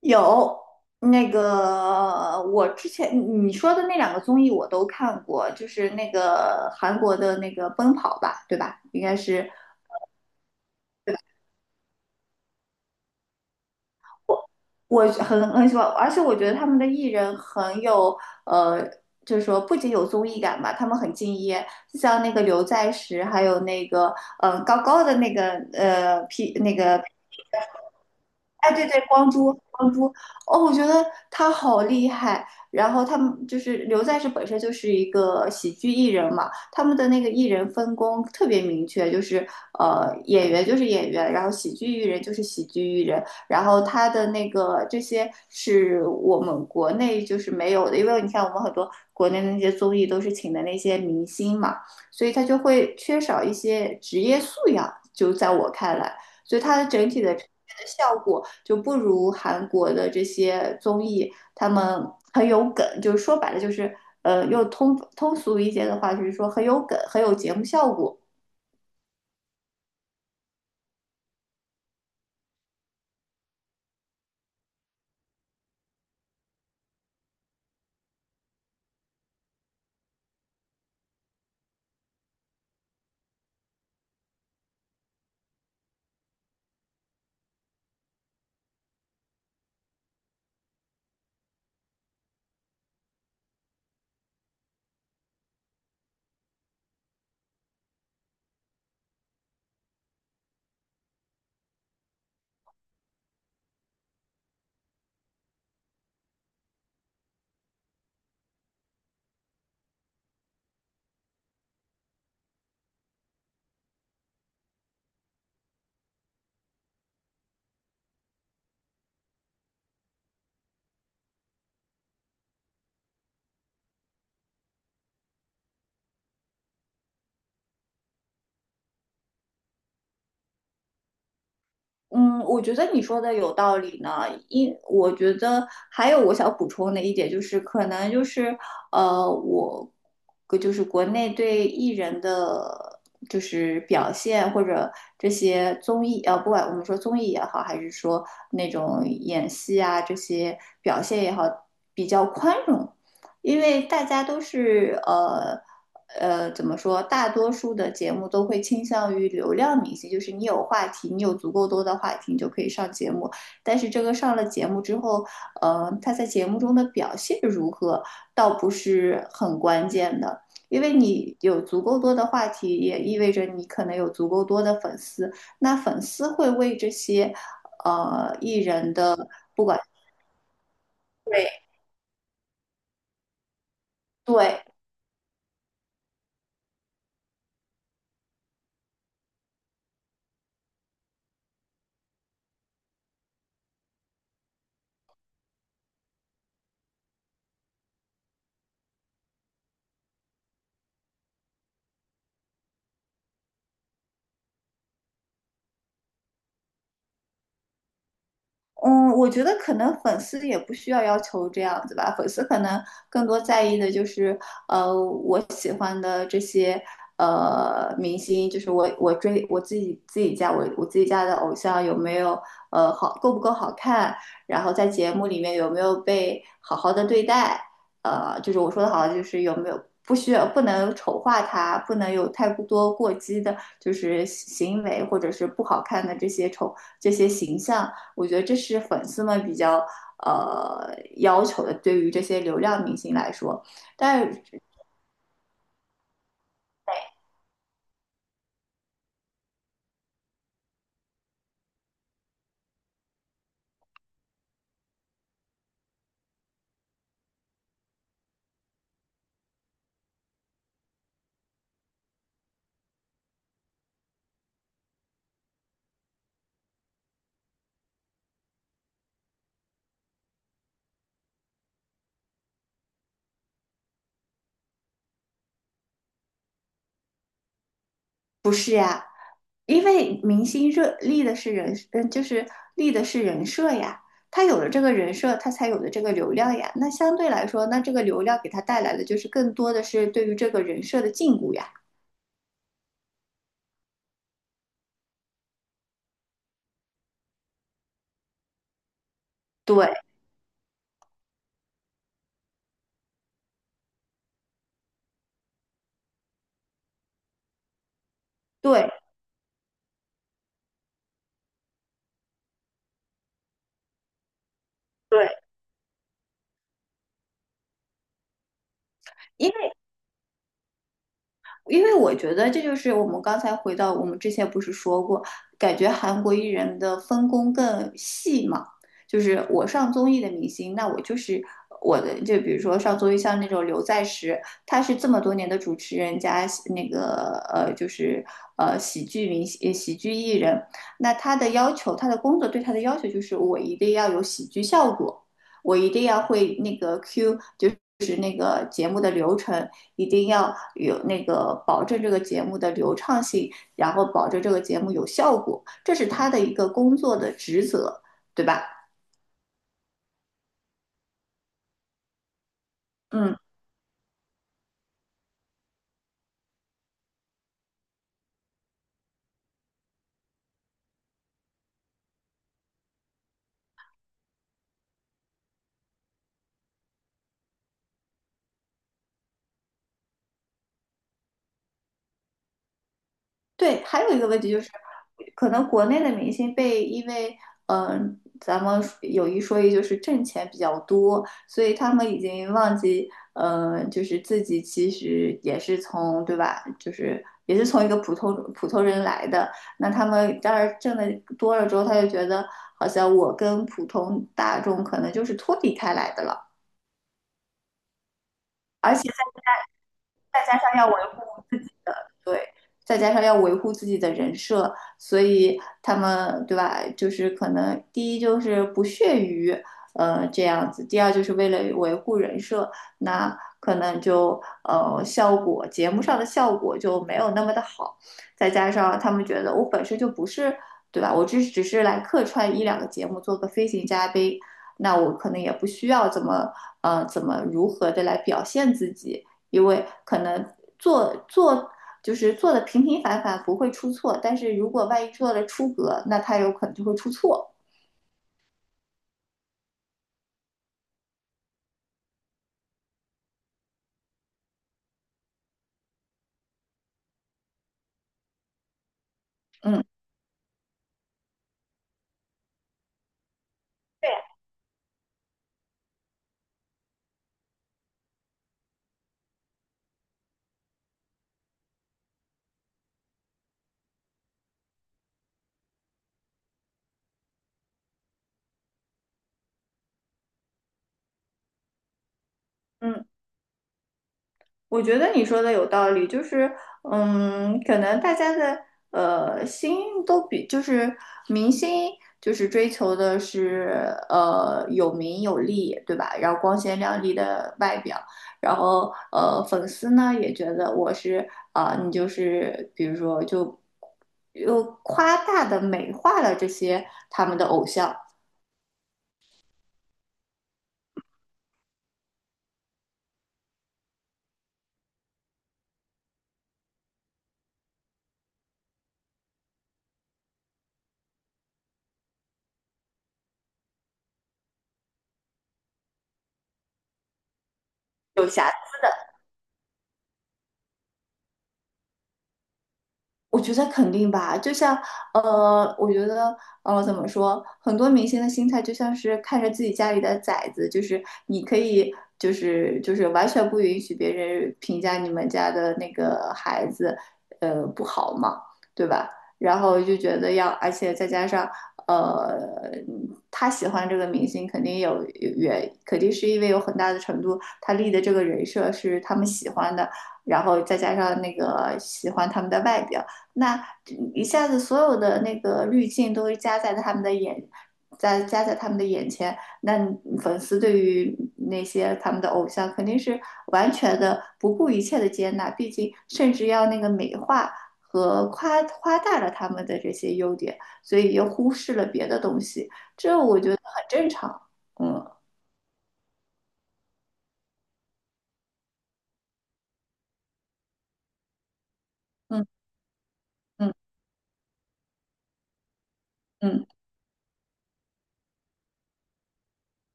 有。那个，我之前你说的那两个综艺我都看过，就是那个韩国的那个《奔跑吧》，对吧？应该是。我很喜欢，而且我觉得他们的艺人很有呃，就是说不仅有综艺感吧，他们很敬业，就像那个刘在石，还有那个高高的那个皮那个。哎，对对，光洙，光洙，哦，我觉得他好厉害。然后他们就是刘在石本身就是一个喜剧艺人嘛，他们的那个艺人分工特别明确，就是演员就是演员，然后喜剧艺人就是喜剧艺人。然后他的那个这些是我们国内就是没有的，因为你看我们很多国内的那些综艺都是请的那些明星嘛，所以他就会缺少一些职业素养，就在我看来。所以它的整体的呈现的效果就不如韩国的这些综艺，他们很有梗，就是说白了就是，又通俗一些的话，就是说很有梗，很有节目效果。嗯，我觉得你说的有道理呢。我觉得还有我想补充的一点就是，可能就是我就是国内对艺人的就是表现或者这些综艺不管我们说综艺也好，还是说那种演戏啊这些表现也好，比较宽容。因为大家都是怎么说？大多数的节目都会倾向于流量明星，就是你有话题，你有足够多的话题，你就可以上节目。但是这个上了节目之后，他在节目中的表现如何，倒不是很关键的。因为你有足够多的话题，也意味着你可能有足够多的粉丝。那粉丝会为这些艺人的。不管，对，对。嗯，我觉得可能粉丝也不需要要求这样子吧，粉丝可能更多在意的就是，我喜欢的这些明星，就是我追我自己家的偶像有没有够不够好看，然后在节目里面有没有被好好的对待，就是我说的好就是有没有不需要不能丑化他，不能有太多过激的，就是行为或者是不好看的这些形象。我觉得这是粉丝们比较要求的，对于这些流量明星来说。但因为明星热立的是人，嗯，就是立的是人设呀。他有了这个人设，他才有了这个流量呀。那相对来说，那这个流量给他带来的就是更多的是对于这个人设的禁锢呀。对对对，因因为我觉得这就是我们刚才回到我们之前不是说过，感觉韩国艺人的分工更细嘛，就是我上综艺的明星，那我就是我的，就比如说上综艺像那种刘在石，他是这么多年的主持人加那个就是喜剧明星、喜剧艺人，那他的要求，他的工作对他的要求就是我一定要有喜剧效果，我一定要会那个 Q 就是。就是那个节目的流程，一定要有那个保证这个节目的流畅性，然后保证这个节目有效果，这是他的一个工作的职责，对吧？嗯。对，还有一个问题就是，可能国内的明星因为，咱们有一说一，就是挣钱比较多，所以他们已经忘记，就是自己其实也是从，对吧？就是也是从一个普通人来的。那他们当然挣的多了之后，他就觉得好像我跟普通大众可能就是脱离开来的了。而且。再加上要维护自己的，对，再加上要维护自己的人设，所以他们对吧？就是可能第一就是不屑于这样子，第二就是为了维护人设，那可能就呃效果节目上的效果就没有那么的好，再加上他们觉得我本身就不是对吧？我只是来客串一两个节目，做个飞行嘉宾。那我可能也不需要怎么如何的来表现自己，因为可能做就是做的平平凡凡，不会出错。但是如果万一做了出格，那他有可能就会出错。嗯，对，嗯我觉得你说的有道理，就是，嗯，可能大家的心都比，就是明星就是追求的是有名有利，对吧？然后光鲜亮丽的外表，然后粉丝呢也觉得我是啊、你就是比如说就又夸大的美化了这些他们的偶像。有瑕。我觉得肯定吧，就像我觉得怎么说，很多明星的心态就像是看着自己家里的崽子，就是你可以，就是完全不允许别人评价你们家的那个孩子，不好嘛，对吧？然后就觉得要，而且再加上呃，他喜欢这个明星，肯定有也肯定是因为有很大的程度，他立的这个人设是他们喜欢的，然后再加上那个喜欢他们的外表。那一下子所有的那个滤镜都加在他们的眼，加在他们的眼前，那粉丝对于那些他们的偶像肯定是完全的不顾一切的接纳，毕竟甚至要那个美化和夸大了他们的这些优点，所以又忽视了别的东西，这我觉得很正常。嗯嗯嗯嗯，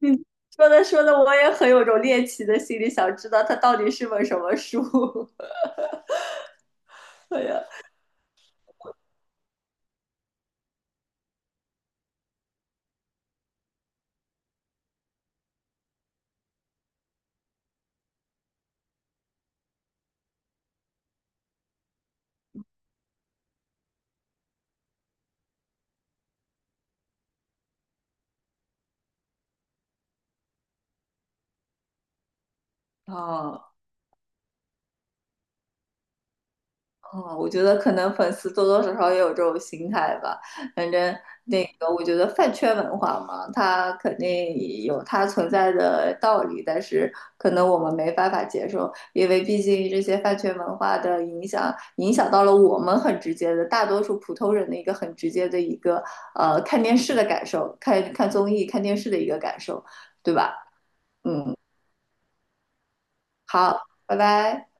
嗯，说的说的，我也很有种猎奇的心理，想知道它到底是本什么书。对呀，啊。嗯，我觉得可能粉丝多多少少也有这种心态吧。反正那个，我觉得饭圈文化嘛，它肯定有它存在的道理，但是可能我们没办法接受，因为毕竟这些饭圈文化的影响，影响到了我们很直接的，大多数普通人的一个很直接的一个看电视的感受，看看综艺、看电视的一个感受，对吧？好，拜拜。